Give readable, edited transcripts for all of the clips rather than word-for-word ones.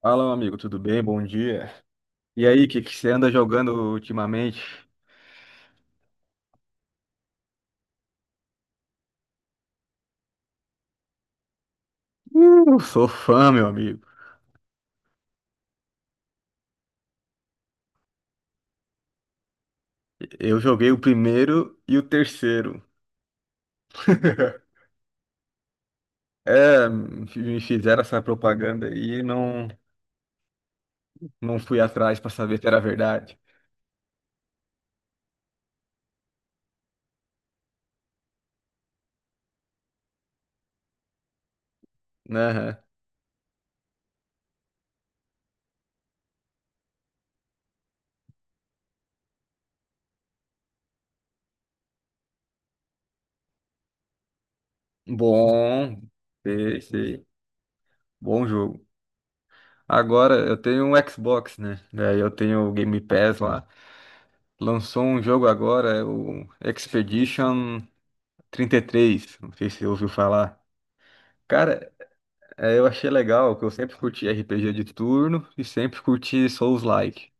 Fala, meu amigo, tudo bem? Bom dia. E aí, o que que você anda jogando ultimamente? Sou fã, meu amigo. Eu joguei o primeiro e o terceiro. É, me fizeram essa propaganda aí e não, não fui atrás pra saber se era verdade. Aham. Bom, sei. Bom jogo. Agora eu tenho um Xbox, né? Daí eu tenho o Game Pass lá. Lançou um jogo agora, é o Expedition trinta e três. Não sei se você ouviu falar. Cara, eu achei legal que eu sempre curti RPG de turno e sempre curti Souls-like.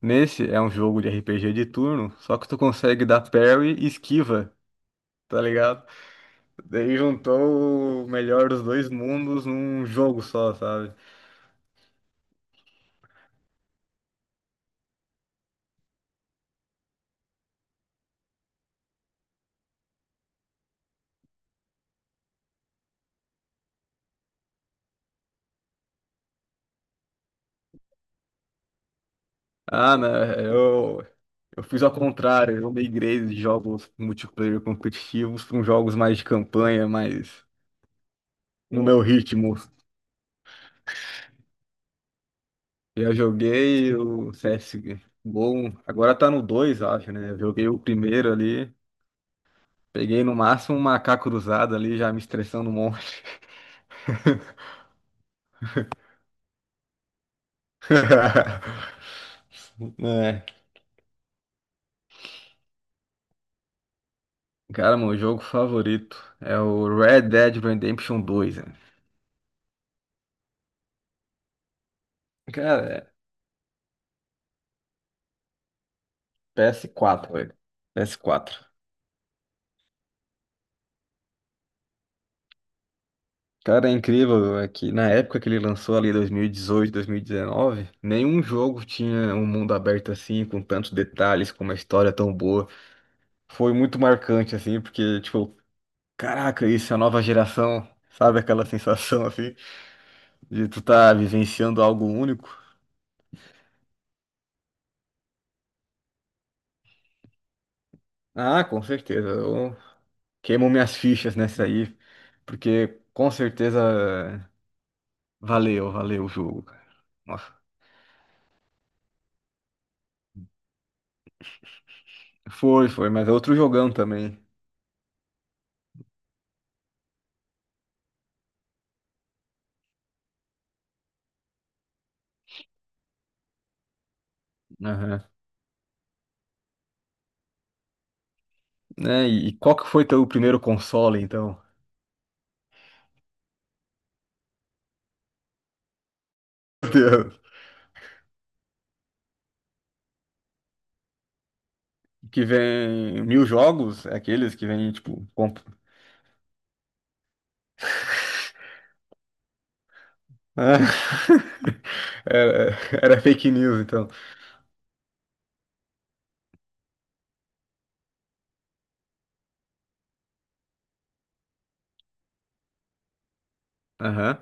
Nesse é um jogo de RPG de turno, só que tu consegue dar parry e esquiva, tá ligado? Daí juntou o melhor dos dois mundos num jogo só, sabe? Ah, né, eu fiz ao contrário, eu migrei de jogos multiplayer competitivos para jogos mais de campanha, mais no meu ritmo. Eu joguei o CSGO, agora tá no 2, acho, né? Eu joguei o primeiro ali, peguei no máximo um macaco cruzado ali, já me estressando um monte. É. Cara, meu jogo favorito é o Red Dead Redemption 2, né? Cara, é PS4, velho. PS4. Cara, é incrível é que na época que ele lançou ali, 2018, 2019, nenhum jogo tinha um mundo aberto assim, com tantos detalhes, com uma história tão boa. Foi muito marcante, assim, porque, tipo, caraca, isso é a nova geração, sabe aquela sensação, assim, de tu tá vivenciando algo único? Ah, com certeza, eu queimo minhas fichas nessa aí, porque com certeza valeu o jogo, cara. Nossa, foi, mas é outro jogão também. Aham. Né? E qual que foi teu primeiro console, então? Meu Deus. Que vem mil jogos, é aqueles que vem, tipo, comp... Ah, era, era fake news, então. Aham.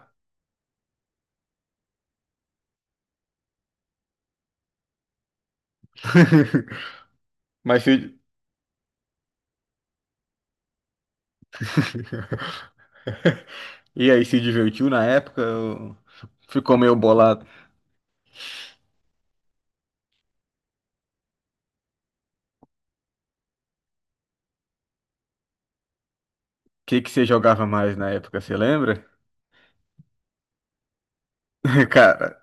Mas se... E aí, se divertiu na época? Ou ficou meio bolado. O que que você jogava mais na época, você lembra? Cara,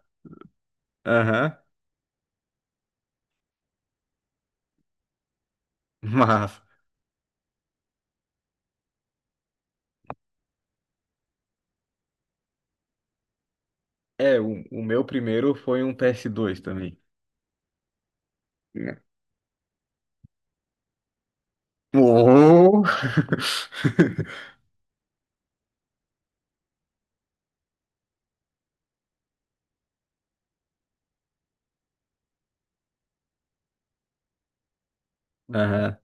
aham. Mas, é, o meu primeiro foi um PS2 também. Oh! Aham.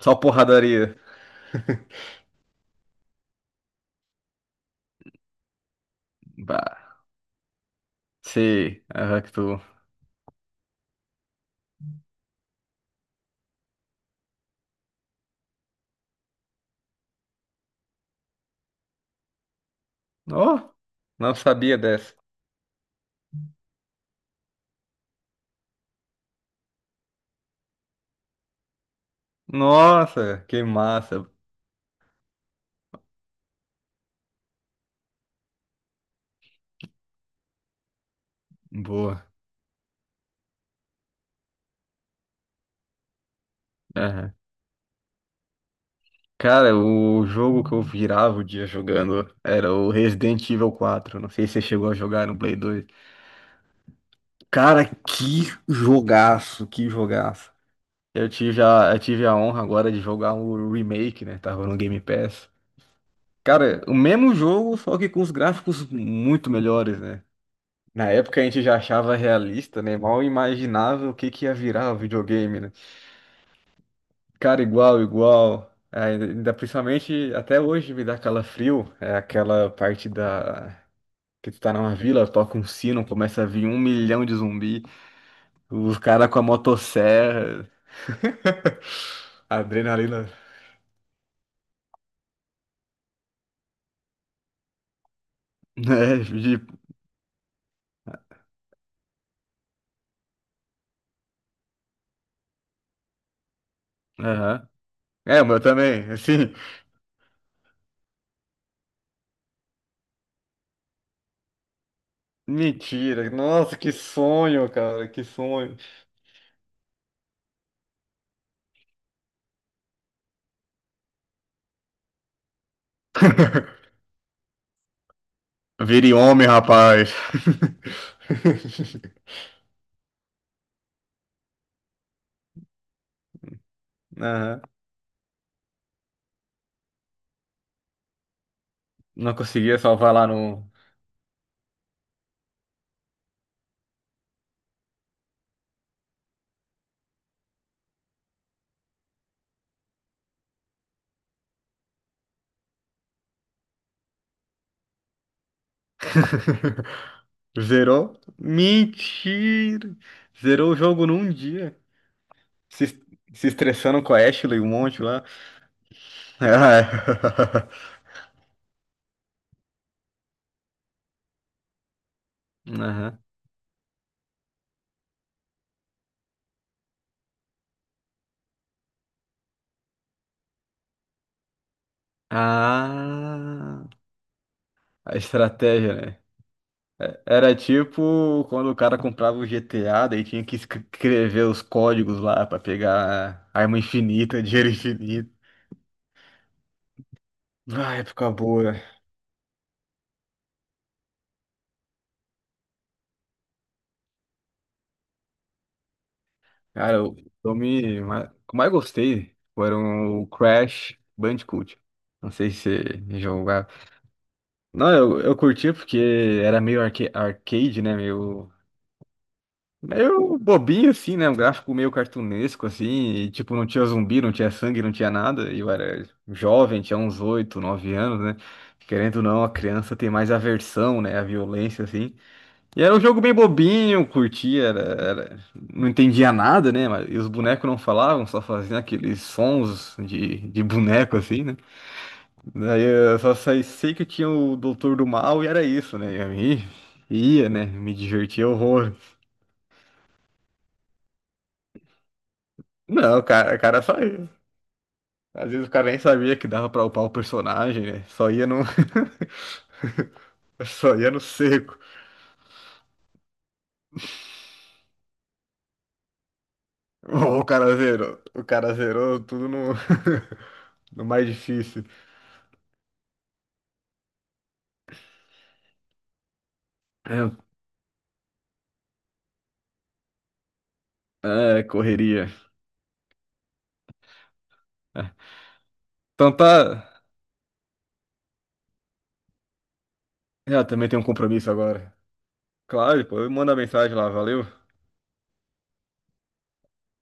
Só porradaria. Bah, sei. Aham, que tu... Oh, não sabia dessa. Nossa, que massa. Boa. Aham. Cara, o jogo que eu virava o dia jogando era o Resident Evil 4. Não sei se você chegou a jogar no Play 2. Cara, que jogaço, que jogaço. Eu tive a honra agora de jogar o remake, né? Tava no Game Pass. Cara, o mesmo jogo, só que com os gráficos muito melhores, né? Na época a gente já achava realista, né? Mal imaginava o que que ia virar o videogame, né? Cara, igual. É, ainda principalmente até hoje me dá calafrio. É aquela parte da. Que tu tá numa vila, toca um sino, começa a vir um milhão de zumbi, os caras com a motosserra. Adrenalina. É, de... aham. É, o meu também, assim. Mentira. Nossa, que sonho, cara, que sonho. Vire homem, rapaz. Aham. Não conseguia salvar lá no. Zerou? Mentira! Zerou o jogo num dia. Se, se estressando com a Ashley, um monte lá. Ah, é. Aham. Ah, a estratégia, né? Era tipo quando o cara comprava o GTA, daí tinha que escrever os códigos lá pra pegar arma infinita, dinheiro infinito. Ah, época boa. Cara, o filme que eu mais gostei foram o Crash Bandicoot. Não sei se você jogava. Não, eu curtia porque era meio arcade, né? Meio bobinho, assim, né? Um gráfico meio cartunesco, assim. E, tipo, não tinha zumbi, não tinha sangue, não tinha nada. E eu era jovem, tinha uns 8, 9 anos, né? Querendo ou não, a criança tem mais aversão, né? A violência, assim. E era um jogo bem bobinho, eu curtia, era- não entendia nada, né? Mas, e os bonecos não falavam, só faziam aqueles sons de boneco, assim, né? Daí eu só sei que tinha o Doutor do Mal e era isso, né? E aí, ia, né? Me divertia horror. Não, cara, o cara só ia. Às vezes o cara nem sabia que dava pra upar o personagem, né? Só ia no, só ia no seco. Ô, o cara zerou tudo no, no mais difícil. É, correria. É. Então tá. É, eu também tenho um compromisso agora. Claro, pô, manda mensagem lá, valeu.